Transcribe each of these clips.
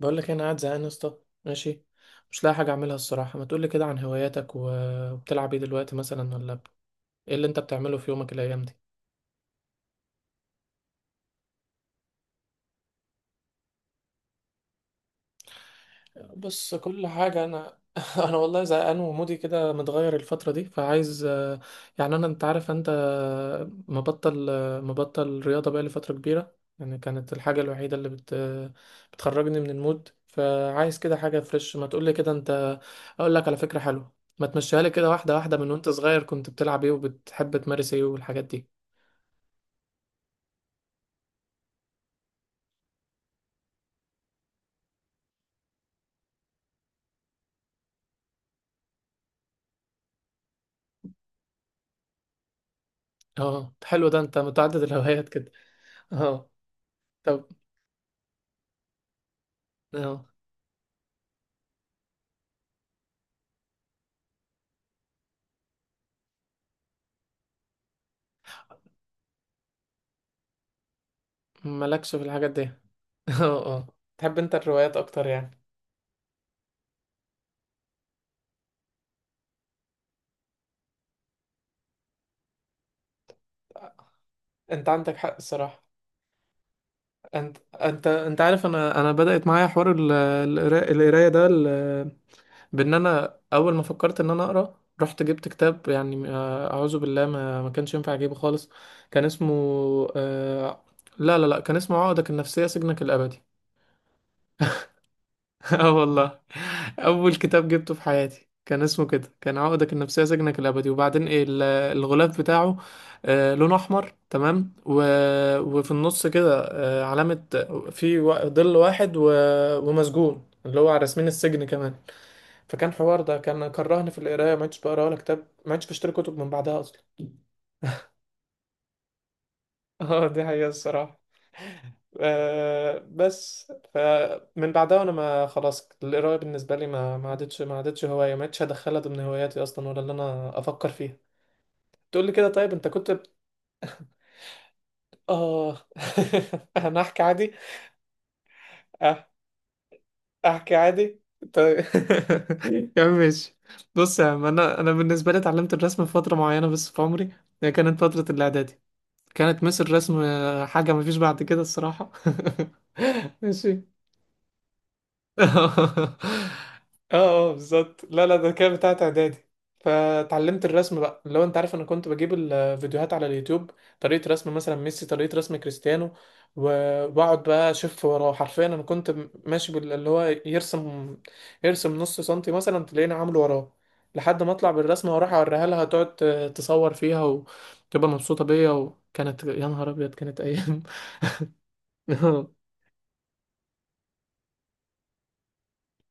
بقول لك إيه، انا قاعد زهقان يا اسطى. ماشي. مش لاقي حاجه اعملها الصراحه. ما تقول لي كده عن هواياتك وبتلعب ايه دلوقتي مثلا ايه اللي انت بتعمله في يومك الايام دي؟ بص كل حاجة أنا أنا والله زهقان ومودي كده متغير الفترة دي فعايز، يعني أنت عارف، أنت مبطل رياضة بقى لفترة كبيرة، يعني كانت الحاجة الوحيدة اللي بتخرجني من المود. فعايز كده حاجة فريش. ما تقولي كده أنت، أقول لك على فكرة حلوة. ما تمشيها لي كده واحدة واحدة، من وأنت صغير كنت بتلعب إيه وبتحب تمارس إيه والحاجات دي. أه، حلو ده، أنت متعدد الهوايات كده. أه. طب. أه. مالكش في الحاجات دي اه، اه. تحب انت الروايات اكتر يعني؟ انت عندك حق الصراحة. انت عارف، انا بدأت معايا حوار القراية ده بان انا اول ما فكرت ان انا اقرا رحت جبت كتاب، يعني اعوذ بالله، ما كانش ينفع اجيبه خالص. كان اسمه، آه، لا لا لا، كان اسمه عقدك النفسية سجنك الابدي. اه والله. اول كتاب جبته في حياتي كان اسمه كده، كان عقدك النفسيه سجنك الابدي. وبعدين ايه الغلاف بتاعه؟ لونه احمر تمام وفي النص كده علامه. في ظل واحد ومسجون اللي هو على رسمين السجن كمان. فكان حوار ده كان كرهني في القرايه، ما عدتش بقرا ولا كتاب، ما عدتش بشتري كتب من بعدها اصلا. اه، دي حقيقة الصراحة. بس فمن بعدها، وانا ما خلاص القراية بالنسبة لي ما عادتش هواية، ما عادتش هدخلها ضمن هواياتي اصلا ولا اللي انا افكر فيها. تقول لي كده طيب، انت كنت اه انا احكي عادي. أه. احكي عادي. طيب يا عم ماشي. بص يا عم، انا بالنسبة لي اتعلمت الرسم في فترة معينة بس في عمري. هي كانت فترة الاعدادي. كانت مس الرسم حاجة مفيش بعد كده الصراحة. ماشي. اه، اه، بالظبط. لا، لا، ده كان بتاعت اعدادي. فتعلمت الرسم بقى. لو انت عارف، انا كنت بجيب الفيديوهات على اليوتيوب، طريقة رسم مثلا ميسي، طريقة رسم كريستيانو، واقعد بقى اشوف وراه. حرفيا انا كنت ماشي باللي هو يرسم. يرسم نص سنتي مثلا تلاقيني عامله وراه. لحد ما اطلع بالرسمه واروح اوريها لها، تقعد تصور فيها وتبقى مبسوطه بيا، وكانت يا نهار ابيض كانت ايام.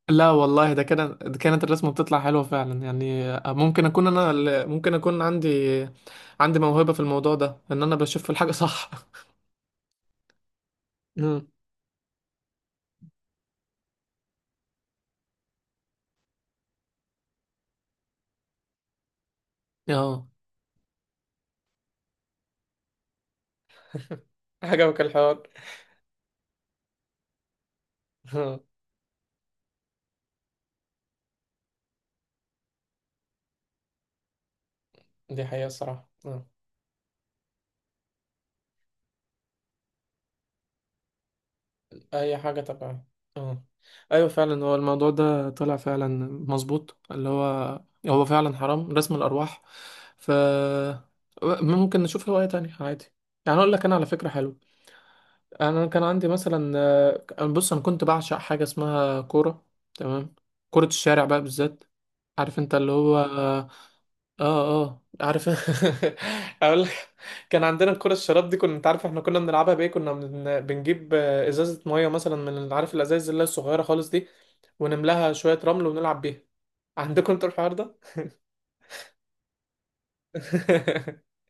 لا والله، ده كانت الرسمة بتطلع حلوة فعلا، يعني ممكن أكون عندي موهبة في الموضوع ده، إن أنا بشوف الحاجة صح أمم. اه، عجبك الحوار. آه، دي حقيقة الصراحة. أي حاجة طبعا. اه، أيوة فعلا هو الموضوع ده طلع فعلا مظبوط اللي هو، هو فعلا حرام رسم الأرواح. ف، ممكن نشوف هواية تانية عادي. يعني أقول لك أنا على فكرة حلوة. انا كان عندي مثلا، آه، أنا بص، انا كنت بعشق حاجه اسمها كوره. تمام. كره الشارع بقى بالذات، عارف انت اللي هو. اه، اه، عارف. اقول لك. كان عندنا الكره الشراب دي، كنا انت عارف احنا كنا بنلعبها بايه، كنا بنجيب ازازه ميه مثلا من، عارف الازايز اللي هي الصغيره خالص دي، ونملاها شويه رمل ونلعب بيها. عندكم انتوا الحوار ده؟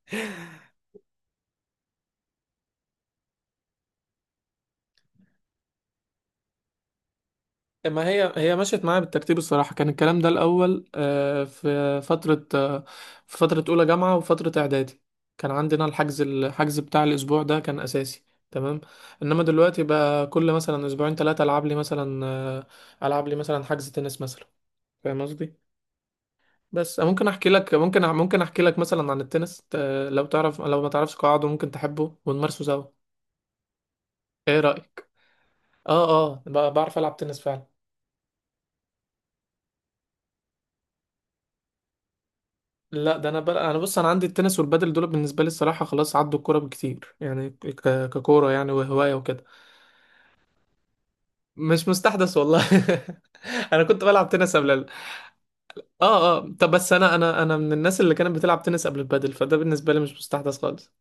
ما هي، هي مشيت معايا بالترتيب الصراحة. كان الكلام ده الأول في فترة أولى جامعة وفترة إعدادي. كان عندنا الحجز بتاع الأسبوع ده كان أساسي. تمام. إنما دلوقتي بقى، كل مثلا أسبوعين 3، ألعب لي مثلا حجز تنس مثلا، فاهم قصدي. بس ممكن أحكي لك، مثلا عن التنس، لو تعرف لو ما تعرفش قواعده ممكن تحبه ونمارسه سوا. إيه رأيك؟ آه، آه، بعرف ألعب تنس فعلا. لا، ده انا بقى، انا بص، انا عندي التنس والبادل دول بالنسبه لي الصراحه، خلاص عدوا الكوره بكتير، يعني ككوره، يعني وهوايه وكده. مش مستحدث والله. انا كنت بلعب تنس قبل اه، اه، طب بس انا، انا من الناس اللي كانت بتلعب تنس قبل البادل، فده بالنسبه لي مش مستحدث خالص.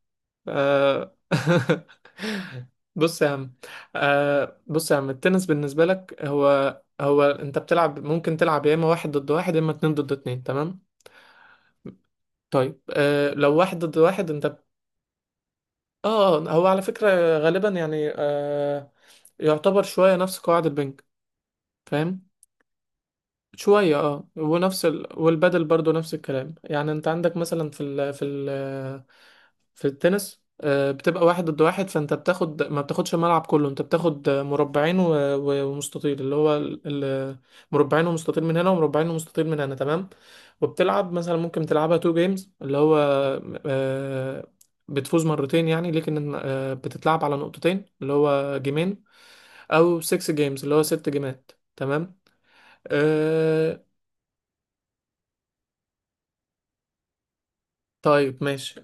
آه... بص يا عم بص يا عم، التنس بالنسبه لك، هو انت ممكن تلعب يا اما واحد ضد واحد يا اما اتنين ضد اتنين، تمام. طيب لو واحد ضد واحد انت، اه، هو على فكرة غالبا يعني يعتبر شوية نفس قواعد البنك، فاهم؟ شوية اه، ونفس والبدل برضو نفس الكلام، يعني انت عندك مثلا في التنس، بتبقى واحد ضد واحد، فانت ما بتاخدش الملعب كله، انت بتاخد مربعين ومستطيل اللي هو مربعين ومستطيل من هنا ومربعين ومستطيل من هنا، تمام. وبتلعب مثلا ممكن تلعبها تو جيمز اللي هو آه، بتفوز مرتين، يعني لكن بتتلعب على نقطتين اللي هو جيمين، او 6 جيمز اللي هو 6 جيمات، تمام. آه، طيب ماشي.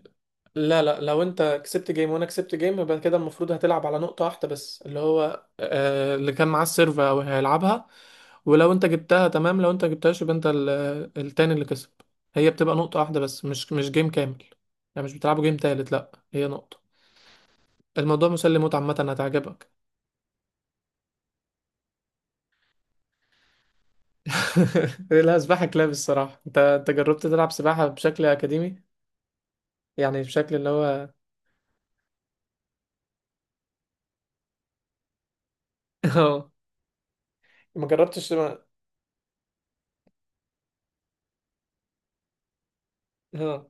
لا، لا، لو انت كسبت جيم وانا كسبت جيم، يبقى كده المفروض هتلعب على نقطة واحدة بس اللي هو، آه، اللي كان معاه السيرفر او هيلعبها. ولو انت جبتها تمام، لو انت جبتهاش يبقى انت التاني اللي كسب، هي بتبقى نقطة واحدة بس، مش جيم كامل. يعني مش بتلعبوا جيم تالت، لا هي نقطة. الموضوع مسلي موت عامة، هتعجبك. لا، سباحة كلاب الصراحة. انت، انت جربت تلعب سباحة بشكل أكاديمي؟ يعني بشكل اللي هو. اه، ما جربتش. اه،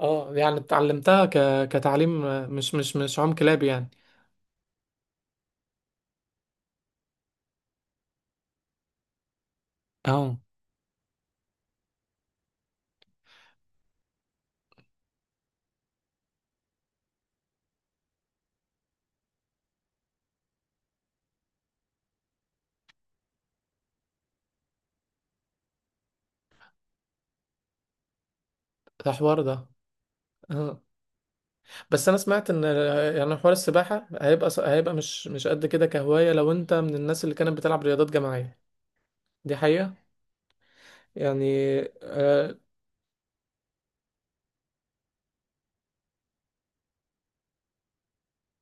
اه، يعني اتعلمتها كتعليم، مش عم كلاب يعني. اه، ده حوار ده. اه، بس انا سمعت ان، يعني حوار السباحة هيبقى مش قد كده كهواية لو انت من الناس اللي كانت بتلعب رياضات جماعية. دي حقيقة. يعني آه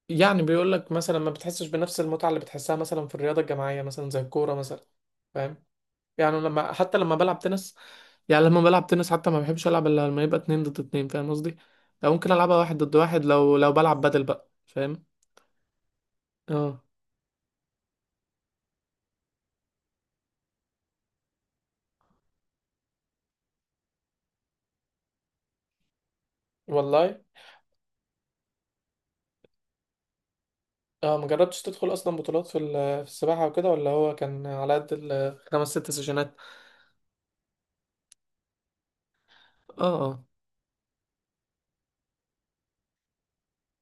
يعني بيقول لك مثلا ما بتحسش بنفس المتعة اللي بتحسها مثلا في الرياضة الجماعية مثلا زي الكورة مثلا، فاهم؟ يعني لما حتى لما بلعب تنس يعني لما بلعب تنس حتى ما بحبش العب الا لما يبقى اتنين ضد اتنين، فاهم قصدي؟ لو ممكن العبها واحد ضد واحد، لو بلعب بدل بقى، فاهم؟ اه، والله. اه، ما جربتش تدخل اصلا بطولات في السباحه وكده؟ ولا هو كان على قد الخمس ست سيشنات؟ اه،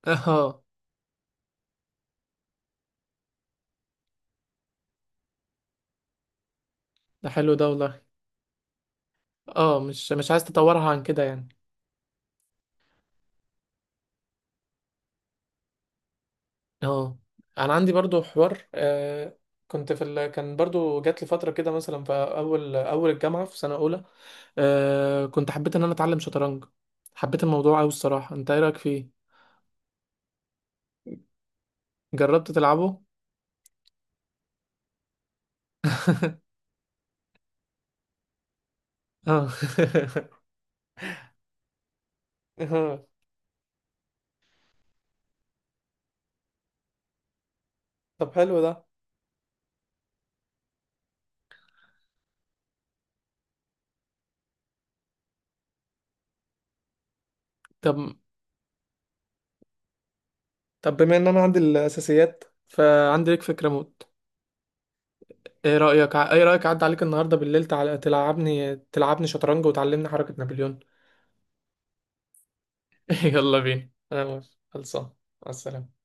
اه، آه. ده حلو ده والله. اه، مش عايز تطورها عن كده يعني. اه، انا عندي برضو حوار، كنت كان برضو جات لي فتره كده مثلا في اول الجامعه في سنه اولى. كنت حبيت ان انا اتعلم شطرنج، حبيت الموضوع قوي الصراحه. انت ايه رايك فيه؟ جربت تلعبه؟ اه. آه، طب حلو ده. طب. طب بما ان انا عندي الاساسيات، فعندي لك فكره موت. ايه رايك اعدي عليك النهارده بالليل تلعبني شطرنج وتعلمني حركه نابليون؟ يلا بينا، انا موافق. خلصان. مع السلامه.